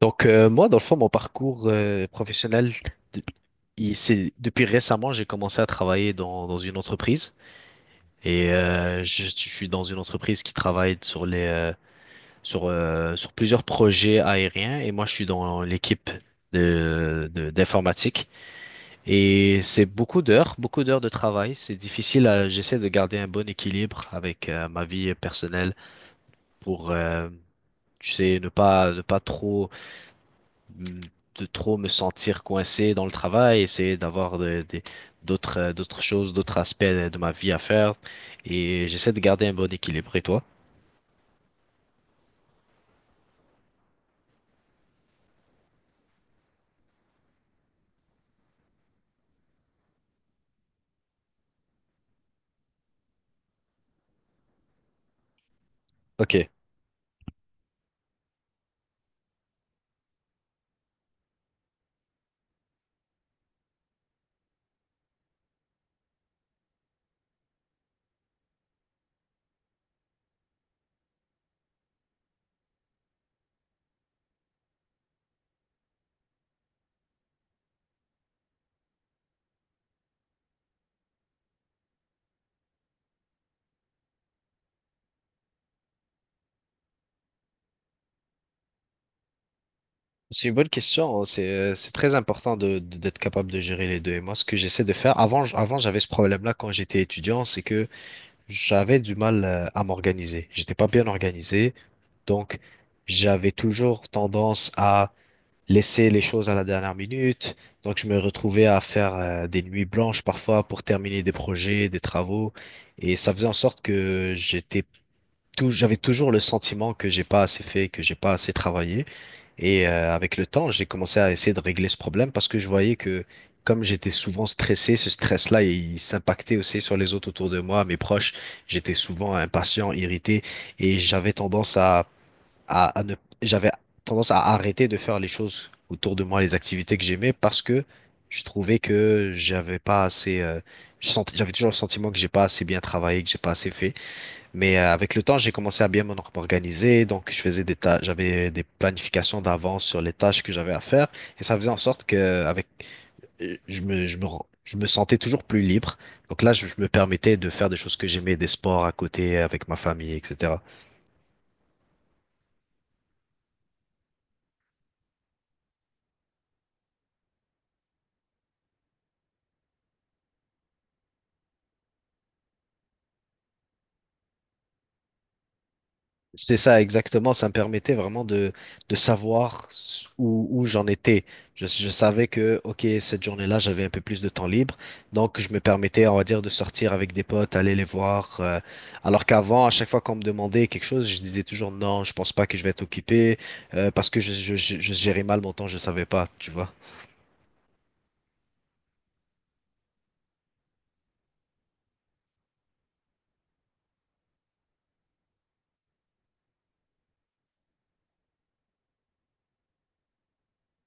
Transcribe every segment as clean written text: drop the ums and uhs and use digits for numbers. Moi, dans le fond, mon parcours professionnel, de- c'est depuis récemment, j'ai commencé à travailler dans une entreprise et je suis dans une entreprise qui travaille sur les sur plusieurs projets aériens et moi, je suis dans l'équipe d'informatique et c'est beaucoup d'heures de travail. C'est difficile. J'essaie de garder un bon équilibre avec ma vie personnelle pour tu sais ne pas trop de trop me sentir coincé dans le travail, essayer d'avoir d'autres, d'autres choses, d'autres aspects de ma vie à faire. Et j'essaie de garder un bon équilibre. Et toi? Ok. C'est une bonne question, hein. C'est très important d'être capable de gérer les deux. Et moi, ce que j'essaie de faire, avant, avant j'avais ce problème-là quand j'étais étudiant, c'est que j'avais du mal à m'organiser. J'étais pas bien organisé. Donc, j'avais toujours tendance à laisser les choses à la dernière minute. Donc, je me retrouvais à faire des nuits blanches parfois pour terminer des projets, des travaux. Et ça faisait en sorte que j'avais toujours le sentiment que j'ai pas assez fait, que j'ai pas assez travaillé. Et avec le temps, j'ai commencé à essayer de régler ce problème parce que je voyais que comme j'étais souvent stressé, ce stress-là, il s'impactait aussi sur les autres autour de moi, mes proches. J'étais souvent impatient, irrité et j'avais tendance à ne, j'avais tendance à arrêter de faire les choses autour de moi, les activités que j'aimais, parce que je trouvais que j'avais pas assez, j'avais toujours le sentiment que j'ai pas assez bien travaillé, que j'ai pas assez fait. Mais avec le temps, j'ai commencé à bien m'organiser, donc je faisais des tâches, j'avais des planifications d'avance sur les tâches que j'avais à faire, et ça faisait en sorte que je me sentais toujours plus libre. Donc là, je me permettais de faire des choses que j'aimais, des sports à côté, avec ma famille, etc. C'est ça, exactement. Ça me permettait vraiment de savoir où, où j'en étais. Je savais que, OK, cette journée-là, j'avais un peu plus de temps libre. Donc, je me permettais, on va dire, de sortir avec des potes, aller les voir. Alors qu'avant, à chaque fois qu'on me demandait quelque chose, je disais toujours non, je pense pas que je vais être occupé parce que je gérais mal mon temps, je savais pas, tu vois.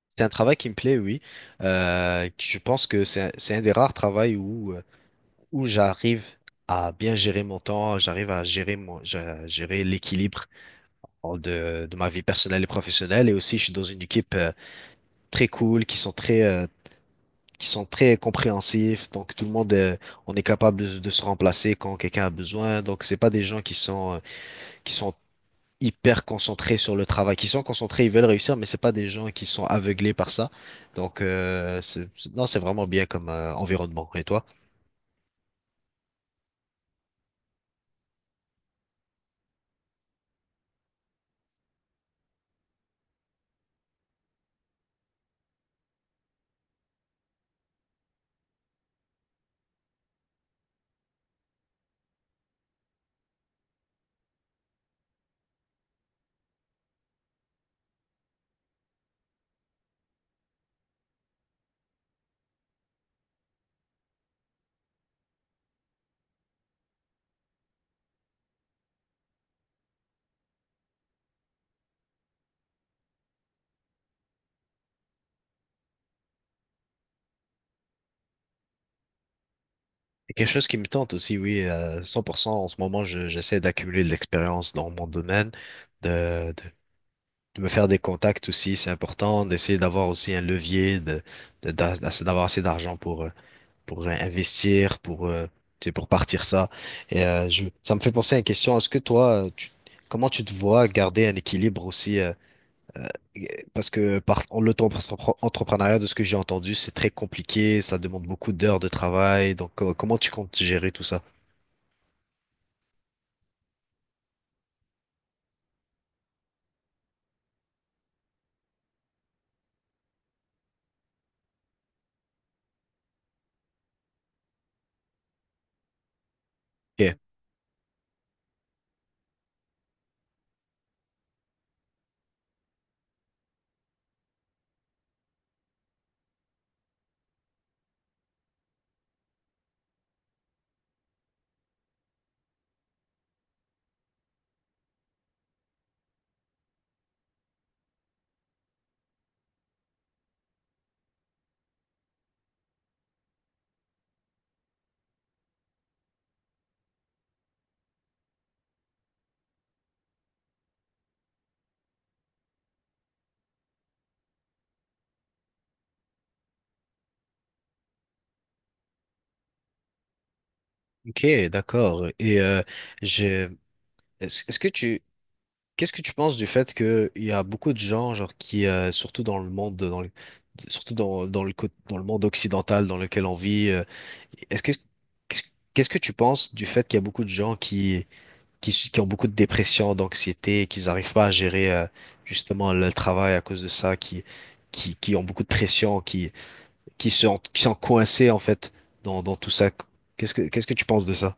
C'est un travail qui me plaît, oui. Je pense que c'est un des rares travails où où j'arrive à bien gérer mon temps, j'arrive à gérer à gérer l'équilibre de ma vie personnelle et professionnelle. Et aussi, je suis dans une équipe très cool, qui sont très compréhensifs. Donc, tout le monde, on est capable de se remplacer quand quelqu'un a besoin. Donc, c'est pas des gens qui sont hyper concentrés sur le travail, qui sont concentrés, ils veulent réussir, mais c'est pas des gens qui sont aveuglés par ça. Donc, non, c'est vraiment bien comme environnement. Et toi? C'est quelque chose qui me tente aussi, oui, 100%. En ce moment, j'essaie d'accumuler de l'expérience dans mon domaine, de, de, de me faire des contacts aussi, c'est important, d'essayer d'avoir aussi un levier, d'avoir assez d'argent pour investir, pour, tu sais, pour partir ça. Et ça me fait penser à une question. Est-ce que toi, comment tu te vois garder un équilibre aussi parce que l'auto-entrepreneuriat, de ce que j'ai entendu, c'est très compliqué, ça demande beaucoup d'heures de travail. Donc, comment tu comptes gérer tout ça? Ok, ok, d'accord. Et je, est-ce que qu'est-ce que tu penses du fait que il y a beaucoup de gens, genre surtout dans le monde, surtout dans le, dans le monde occidental dans lequel on vit, est-ce que, qu'est-ce qu'est-ce que tu penses du fait qu'il y a beaucoup de gens qui ont beaucoup de dépression, d'anxiété, qu'ils n'arrivent pas à gérer justement le travail à cause de ça, qui ont beaucoup de pression, qui se, qui sont coincés en fait dans tout ça. Qu'est-ce que tu penses de ça?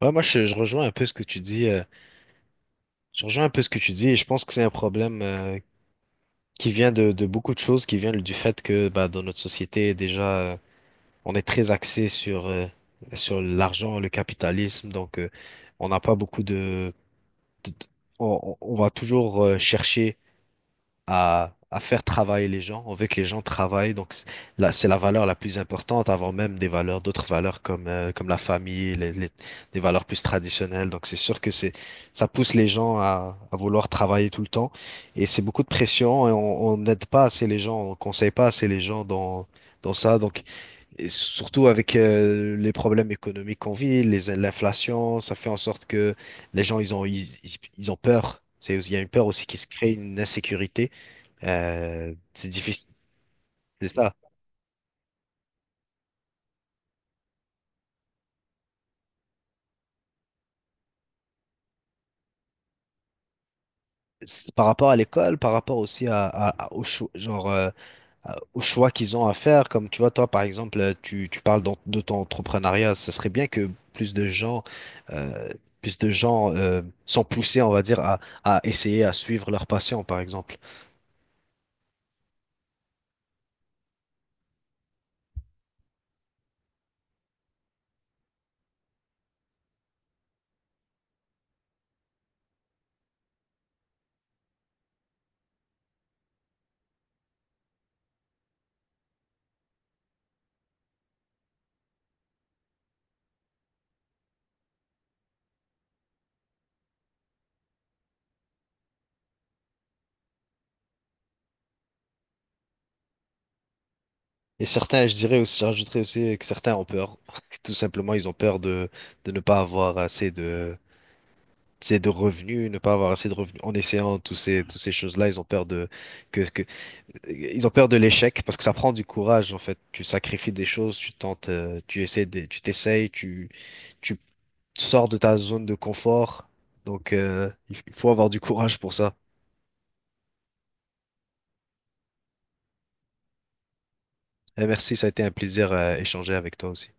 Je rejoins un peu ce que tu dis. Je rejoins un peu ce que tu dis et je pense que c'est un problème qui vient de beaucoup de choses, qui vient du fait que bah, dans notre société, déjà, on est très axé sur l'argent, le capitalisme. Donc, on n'a pas beaucoup de- on va toujours chercher à faire travailler les gens. On veut que les gens travaillent, là, c'est la valeur la plus importante avant même des valeurs, d'autres valeurs comme la famille, des valeurs plus traditionnelles. Donc c'est sûr que ça pousse les gens à vouloir travailler tout le temps et c'est beaucoup de pression et on n'aide pas assez les gens, on conseille pas assez les gens dans ça. Donc et surtout avec les problèmes économiques qu'on vit, l'inflation, ça fait en sorte que les gens, ils ont peur. C'est, il y a une peur aussi qui se crée, une insécurité. C'est difficile, c'est ça. C'est par rapport à l'école, par rapport aussi au choix qu'ils ont à faire, comme tu vois, toi par exemple, tu parles de ton entrepreneuriat, ce serait bien que plus de gens, euh, sont poussés, on va dire, à essayer à suivre leur passion, par exemple. Et certains, je dirais aussi, j'ajouterais aussi que certains ont peur. Tout simplement, ils ont peur de ne pas avoir assez de revenus, ne pas avoir assez de revenus en essayant toutes ces choses-là, ils ont peur de que ils ont peur de l'échec parce que ça prend du courage en fait. Tu sacrifies des choses, tu tentes, tu essaies tu t'essayes, tu sors de ta zone de confort. Donc il faut avoir du courage pour ça. Et merci, ça a été un plaisir à échanger avec toi aussi.